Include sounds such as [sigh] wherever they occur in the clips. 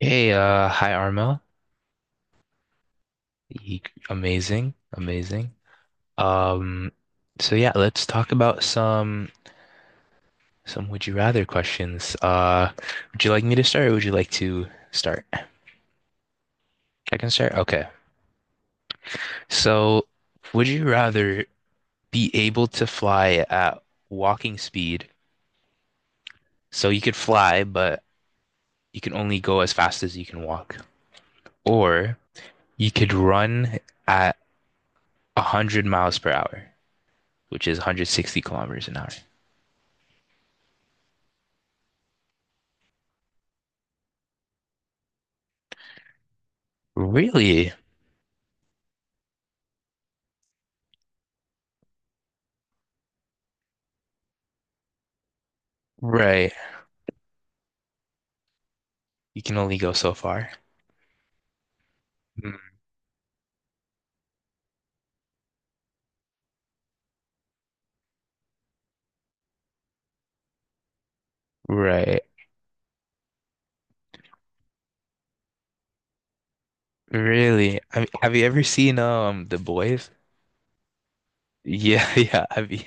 Hey, hi Arma. Ye- Amazing, amazing. Um, so yeah, let's talk about some would you rather questions. Would you like me to start or would you like to start? I can start. Okay. So, would you rather be able to fly at walking speed? So you could fly, but you can only go as fast as you can walk, or you could run at 100 miles per hour, which is 160 kilometers an hour. Really? Right. You can only go so far. Mm. Right. Really? I mean, have you ever seen The Boys? Yeah, [laughs] yeah. I mean,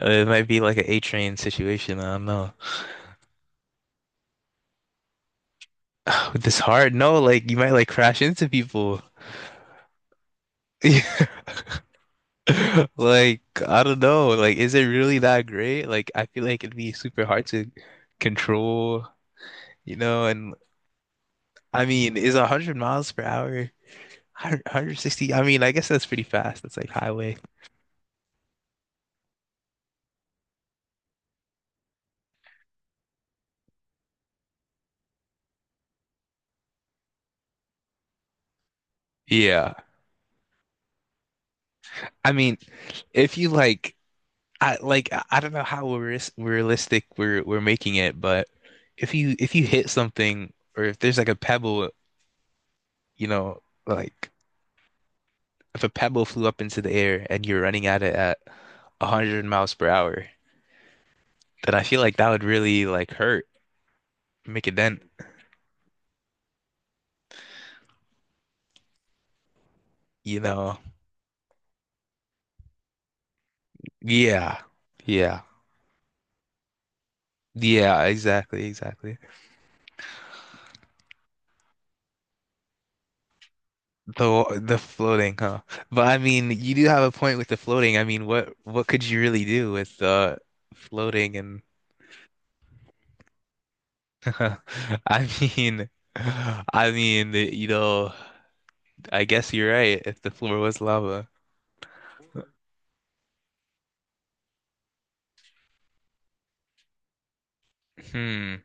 it might be like an A train situation. I don't know. [sighs] With this hard, no, like you might like crash into people. [laughs] Like, I don't know. Like, is it really that great? Like, I feel like it'd be super hard to control, you know, and I mean, is 100 miles per hour, 160? I mean, I guess that's pretty fast. That's like highway. Yeah. I mean, if you like I don't know how realistic we're making it, but if you hit something or if there's like a pebble, you know, like if a pebble flew up into the air and you're running at it at 100 miles per hour, then I feel like that would really like hurt, make a dent, you know. Yeah. Yeah. Yeah, exactly, exactly. The the floating, huh? But I mean, you do have a point with the floating. I mean, what could you really do with floating and [laughs] I mean, I mean, the- you know, I guess you're right if the floor was lava. Hmm.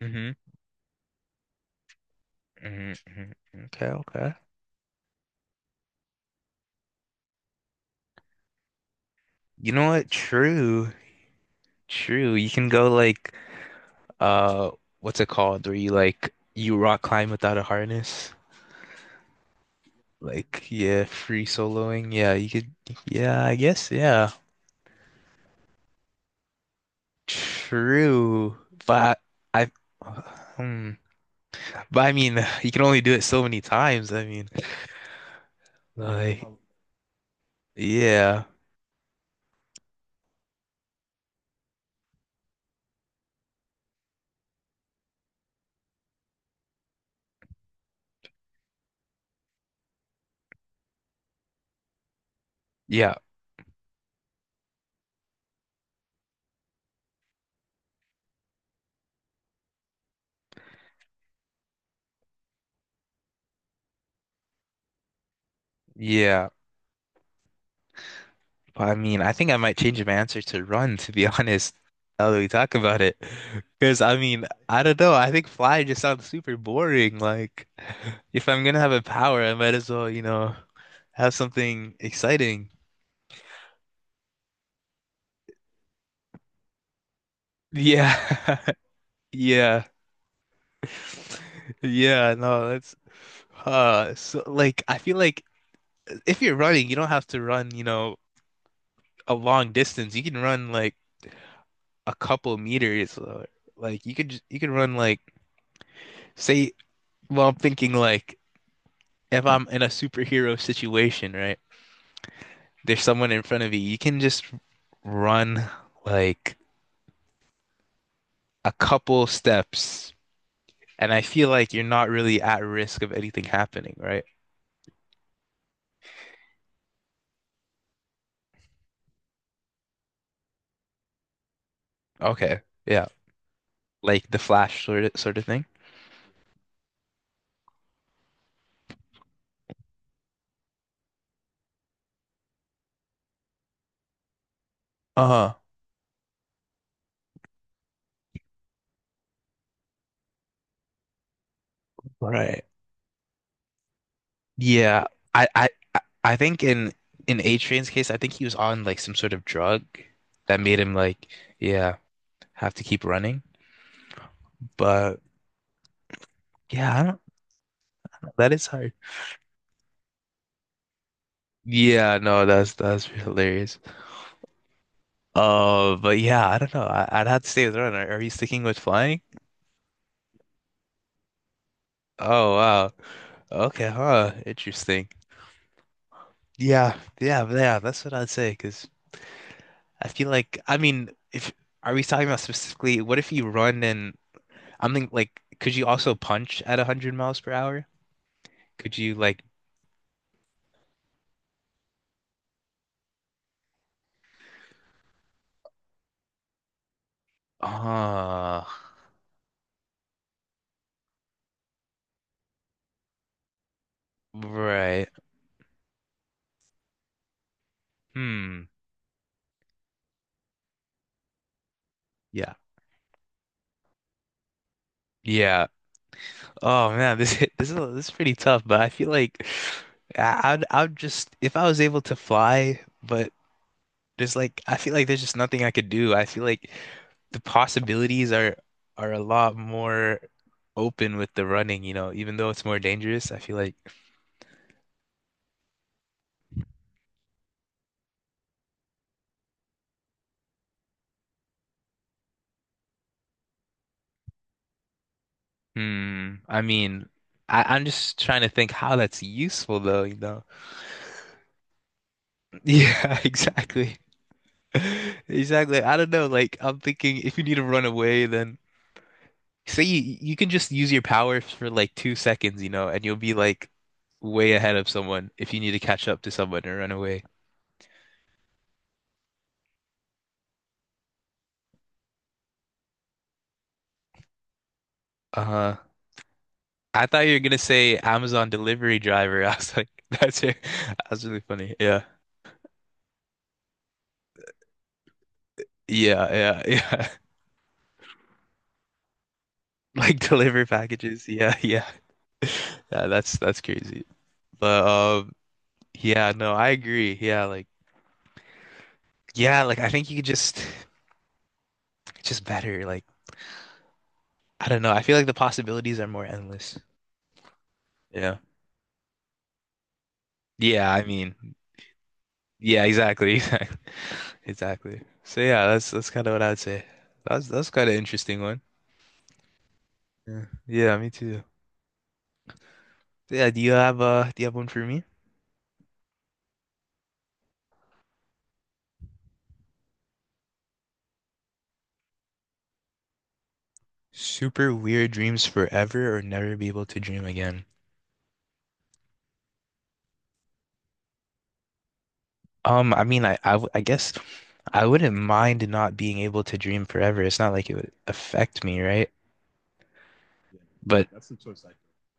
Hmm, hmm, hmm. Okay, okay. You know what? True. True. You can go like uh what's it called? Where you like you rock climb without a harness? Like yeah, free soloing. Yeah, you could yeah, I guess yeah. True, but I, hmm, but I mean, you can only do it so many times. I mean, like, yeah, yeah, yeah. But I mean, I think I might change my answer to run, to be [laughs] honest, now that we talk about it. Because I mean, I don't know. I think fly just sounds super boring. Like, if I'm gonna have a power, I might as well, have something exciting. Yeah, [laughs] yeah, yeah. No, that's. So like I feel like if you're running, you don't have to run, a long distance. You can run like a couple meters. Or, like you could just, you can run like say, well, I'm thinking like if I'm in a superhero situation, right? There's someone in front of you. You can just run like a couple steps, and I feel like you're not really at risk of anything happening, right? Okay. Yeah. Like the Flash sort of thing. Uh-huh. Right. Yeah, I I I think in A-Train's case, I think he was on like some sort of drug that made him like, yeah, have to keep running. But yeah, I don't know. That is hard. Yeah, no, that's hilarious. But yeah, I don't know. I'd have to stay with Ron. Are you sticking with flying? Oh wow. Okay, huh. Interesting. Yeah, yeah, yeah. That's what I'd say. Because I feel like, I mean, if are we talking about specifically, what if you run and I'm thinking like, could you also punch at 100 miles per hour? Could you like, ah, right. Hmm. Yeah. Yeah. Oh man, this [laughs] this is pretty tough, but I feel like I'd just if I was able to fly, but there's like I feel like there's just nothing I could do. I feel like the possibilities are a lot more open with the running, you know, even though it's more dangerous, I feel like. Hmm. I mean, I'm just trying to think how that's useful though, you know? [laughs] Yeah, exactly. [laughs] Exactly. I don't know. Like, I'm thinking if you need to run away, then say you can just use your power for like two seconds, and you'll be like way ahead of someone if you need to catch up to someone or run away. Uh, I thought you were gonna say Amazon delivery driver. [laughs] I was like, [laughs] that's it. That's really funny. Yeah. Yeah, yeah, [laughs] yeah. [laughs] Like deliver packages. Yeah, yeah. [laughs] Yeah, that's crazy. But yeah, no, I agree. Yeah, like I think you could just better. Like I don't know. I feel like the possibilities are more endless. Yeah. Yeah, I mean, yeah, exactly. [laughs] Exactly. Exactly. So yeah, that's kind of what I'd say. That's kind of interesting one. Yeah. Yeah, me too. So, yeah, do you have one for me? Super weird dreams forever or never be able to dream again? I mean, I guess I wouldn't mind not being able to dream forever. It's not like it would affect me, right? But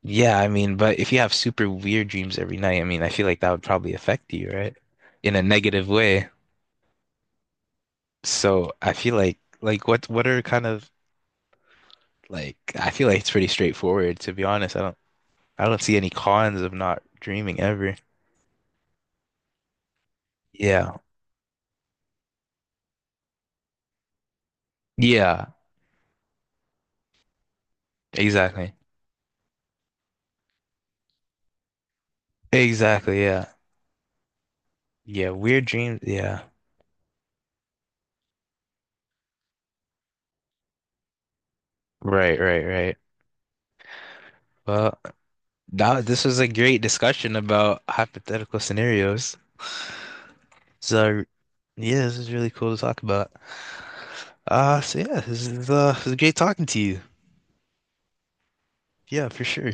yeah, I mean, but if you have super weird dreams every night, I mean, I feel like that would probably affect you, right? In a negative way. So I feel like what are kind of like, I feel like it's pretty straightforward, to be honest. I don't see any cons of not dreaming ever. Yeah. Yeah. Exactly. Exactly. Yeah. Yeah. Weird dreams. Yeah. Right. Right. Right. Well. Now, this was a great discussion about hypothetical scenarios. So, yeah, this is really cool to talk about. So yeah, this is it was great talking to you. Yeah, for sure.